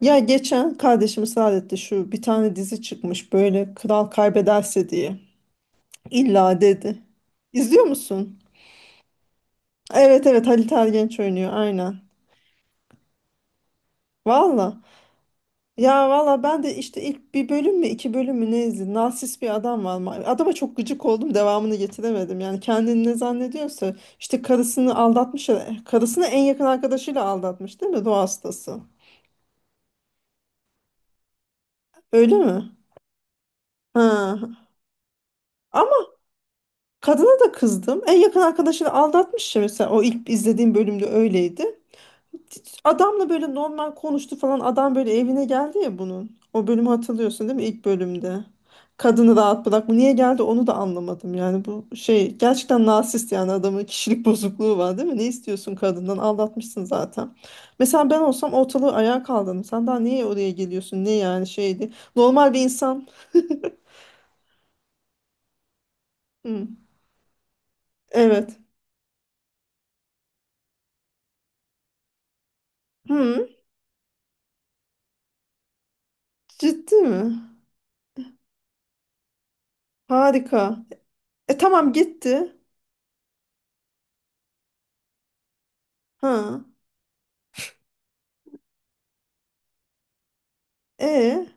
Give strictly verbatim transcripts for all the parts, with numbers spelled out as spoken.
Ya geçen kardeşim ısrar etti şu bir tane dizi çıkmış böyle kral kaybederse diye. İlla dedi. İzliyor musun? Evet evet Halit Ergenç oynuyor aynen. Valla. Ya valla ben de işte ilk bir bölüm mü iki bölüm mü ne izledim. Narsist bir adam var. Ma- Adama çok gıcık oldum devamını getiremedim. Yani kendini ne zannediyorsa işte karısını aldatmış. Karısını en yakın arkadaşıyla aldatmış değil mi? Ruh hastası. Öyle mi? Ha. Ama kadına da kızdım. En yakın arkadaşını aldatmış ya mesela o ilk izlediğim bölümde öyleydi. Adamla böyle normal konuştu falan. Adam böyle evine geldi ya bunun. O bölümü hatırlıyorsun değil mi ilk bölümde? Kadını rahat bırak. Bu niye geldi onu da anlamadım. Yani bu şey gerçekten narsist, yani adamın kişilik bozukluğu var değil mi? Ne istiyorsun kadından? Aldatmışsın zaten. Mesela ben olsam ortalığı ayağa kaldırdım. Sen daha niye oraya geliyorsun? Ne yani şeydi? Normal bir insan. Hı, evet. Hı, ciddi mi? Harika. E tamam gitti. Ha. E.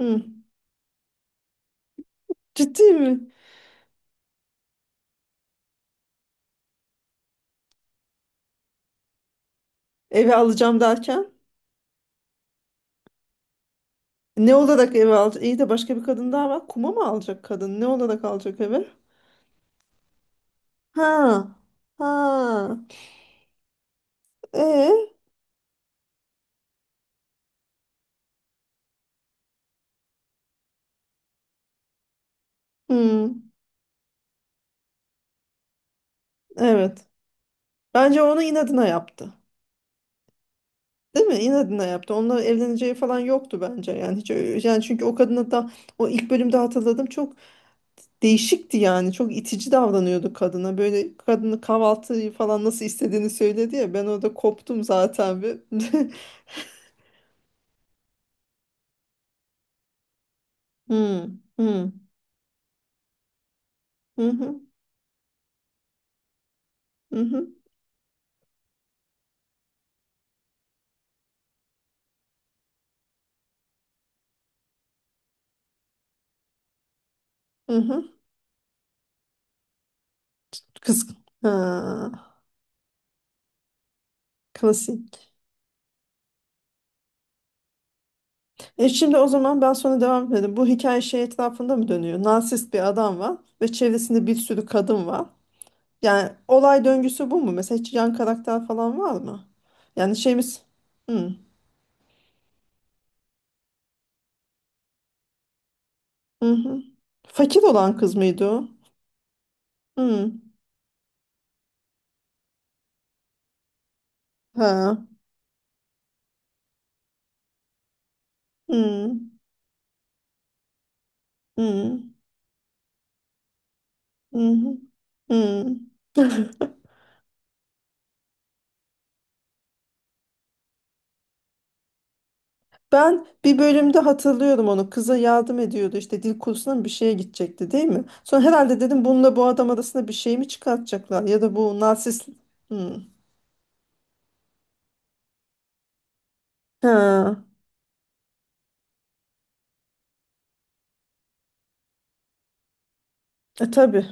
Hı. Ciddi mi? Eve alacağım derken. Ne olarak eve alacak? İyi de başka bir kadın daha var. Kuma mı alacak kadın? Ne olarak alacak eve? Ha. Ha. E. Hı. Evet. Bence onu inadına yaptı. Değil mi? İnadına yaptı. Onunla evleneceği falan yoktu bence. Yani hiç öyle- yani çünkü o kadına da o ilk bölümde hatırladım çok değişikti yani. Çok itici davranıyordu kadına. Böyle kadını kahvaltıyı falan nasıl istediğini söyledi ya. Ben orada koptum zaten bir. Hmm, hmm, hı hı, hı hı, hı hı. Kız. Ha, klasik. E şimdi o zaman ben sonra devam edelim. Bu hikaye şey etrafında mı dönüyor? Narsist bir adam var ve çevresinde bir sürü kadın var. Yani olay döngüsü bu mu? Mesela hiç yan karakter falan var mı? Yani şeyimiz... Hı, hı, hı. Fakir olan kız mıydı o? Hı. Ha. Hmm. Hmm. Hmm. Hmm. Ben bir bölümde hatırlıyorum onu. Kıza yardım ediyordu işte dil kursuna mı bir şeye gidecekti değil mi? Sonra herhalde dedim bununla bu adam arasında bir şey mi çıkartacaklar ya da bu narsist. Hmm. Ha. E tabii.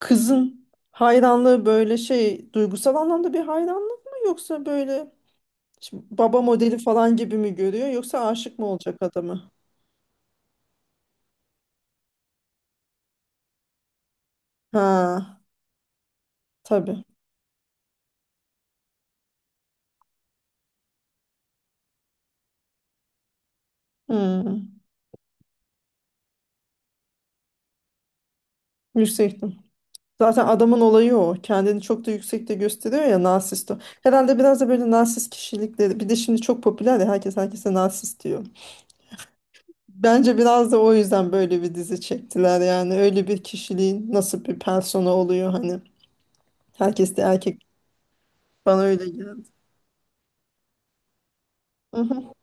Kızın hayranlığı böyle şey duygusal anlamda bir hayranlık mı, yoksa böyle şimdi baba modeli falan gibi mi görüyor, yoksa aşık mı olacak adamı? Ha. Tabii. Hmm. Yüksek. Zaten adamın olayı o. Kendini çok da yüksekte gösteriyor ya narsist o. Herhalde biraz da böyle narsist kişilikleri. Bir de şimdi çok popüler ya, herkes herkese narsist diyor. Bence biraz da o yüzden böyle bir dizi çektiler yani. Öyle bir kişiliğin nasıl bir persona oluyor hani. Herkes de erkek. Bana öyle geldi. Hı hı.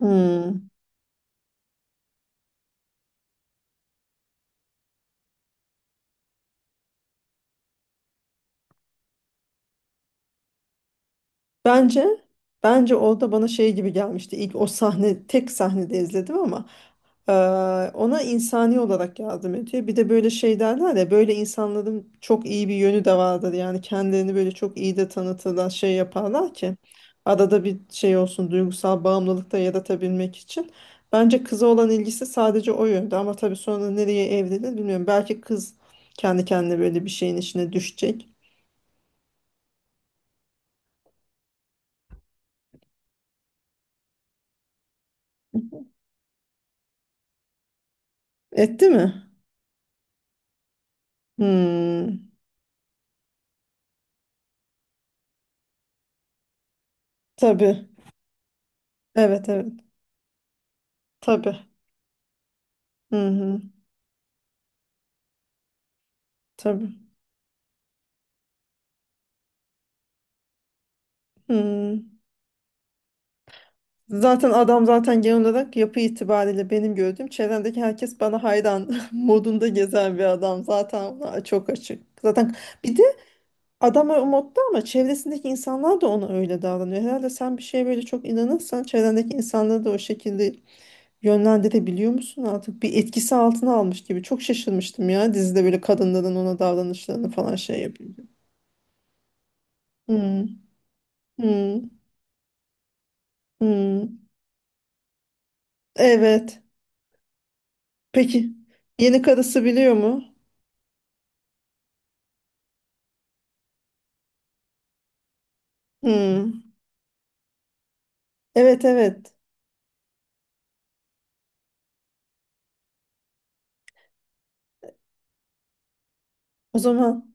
Hmm. Bence bence orada bana şey gibi gelmişti. İlk o sahne tek sahnede izledim ama eee, ona insani olarak yardım ediyor. Bir de böyle şey derler ya, böyle insanların çok iyi bir yönü de vardır. Yani kendilerini böyle çok iyi de tanıtırlar, şey yaparlar ki arada bir şey olsun, duygusal bağımlılık da yaratabilmek için. Bence kıza olan ilgisi sadece o yönde, ama tabii sonra nereye evrilir bilmiyorum. Belki kız kendi kendine böyle bir şeyin içine düşecek. Etti mi? Hmm, tabii. Evet evet. Tabii. Hı hı. Tabii. Hı. Zaten adam zaten genel olarak yapı itibariyle benim gördüğüm çevremdeki herkes bana hayran modunda gezen bir adam. Zaten ona çok açık. Zaten bir de adam o modda, ama çevresindeki insanlar da ona öyle davranıyor. Herhalde sen bir şeye böyle çok inanırsan çevrendeki insanları da o şekilde yönlendirebiliyor musun artık? Bir etkisi altına almış gibi. Çok şaşırmıştım ya, dizide böyle kadınların ona davranışlarını falan şey yapıyor. Hı hı hı. Evet. Peki yeni karısı biliyor mu? Hmm. Evet evet. O zaman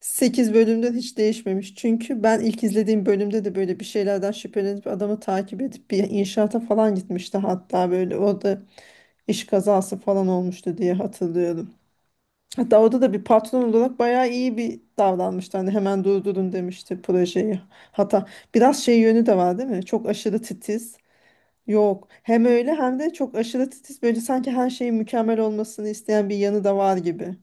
sekiz bölümden hiç değişmemiş. Çünkü ben ilk izlediğim bölümde de böyle bir şeylerden şüphelenip adamı takip edip bir inşaata falan gitmişti. Hatta böyle orada iş kazası falan olmuştu diye hatırlıyorum. Hatta orada da bir patron olarak bayağı iyi bir davranmıştı. Hani hemen durdurun demişti projeyi. Hatta biraz şey yönü de var değil mi? Çok aşırı titiz. Yok. Hem öyle hem de çok aşırı titiz, böyle sanki her şeyin mükemmel olmasını isteyen bir yanı da var gibi.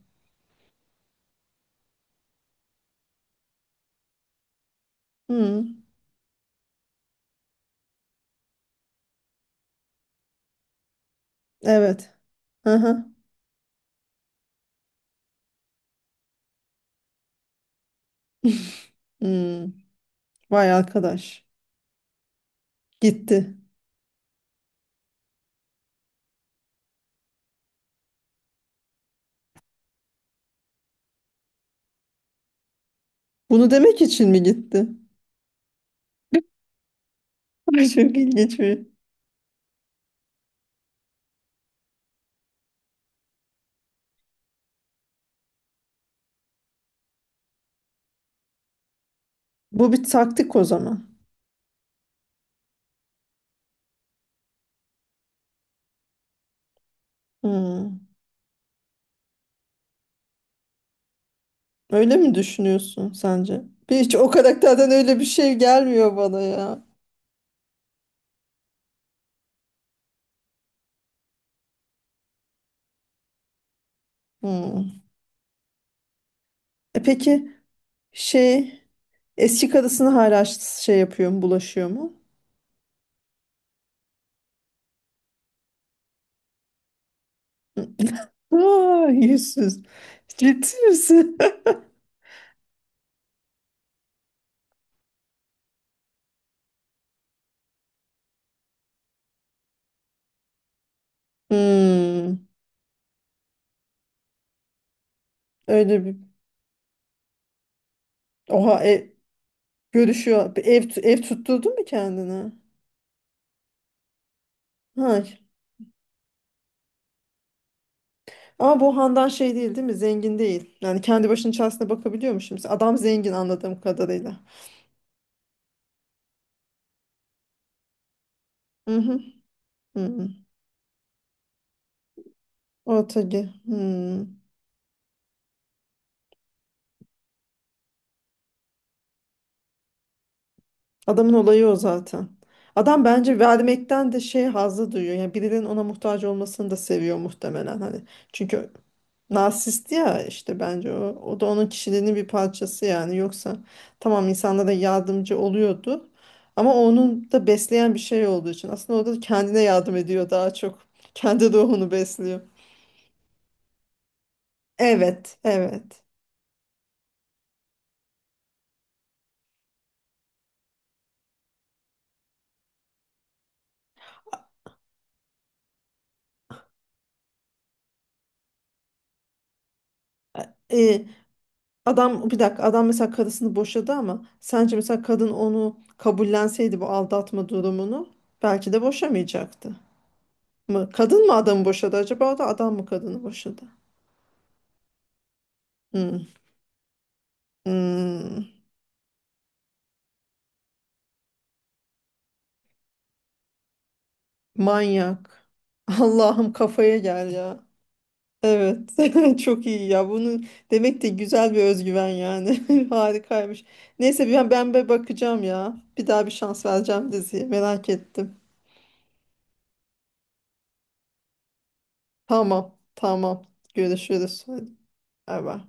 Hı, evet. Aha. Hmm, vay arkadaş. Gitti. Bunu demek için mi gitti? Ay, çok ilginç bir. Bu bir taktik o zaman. Hmm, öyle mi düşünüyorsun sence? Bir- Hiç o karakterden öyle bir şey gelmiyor bana ya. Hmm. E peki şey, eski karısını hala şey yapıyor mu, bulaşıyor mu? Aa, yüzsüz. Ciddi misin? Hmm, öyle bir... Oha e, görüşüyor. Bir ev, ev tutturdun mu kendine? Ha. Ama bu Handan şey değil değil mi? Zengin değil. Yani kendi başının çaresine bakabiliyormuş şimdi. Adam zengin anladığım kadarıyla. Hı hı. Hı hı. O tabii. Hı. Adamın olayı o zaten. Adam bence vermekten de şey hazzı duyuyor. Yani birinin ona muhtaç olmasını da seviyor muhtemelen hani. Çünkü narsist ya, işte bence o. O da onun kişiliğinin bir parçası yani. Yoksa tamam insanlara yardımcı oluyordu. Ama onun da besleyen bir şey olduğu için aslında o da kendine yardım ediyor daha çok. Kendi ruhunu besliyor. Evet, evet. E, adam bir dakika, adam mesela karısını boşadı, ama sence mesela kadın onu kabullenseydi bu aldatma durumunu belki de boşamayacaktı. Mı? Kadın mı adamı boşadı acaba, o da adam mı kadını boşadı? Hmm. Hmm. Manyak. Allah'ım kafaya gel ya. Evet. Çok iyi ya. Bunu demek de güzel bir özgüven yani. Harikaymış. Neyse ben ben bir bakacağım ya. Bir daha bir şans vereceğim diziye. Merak ettim. Tamam. Tamam. Görüşürüz. Hadi. Bay bay.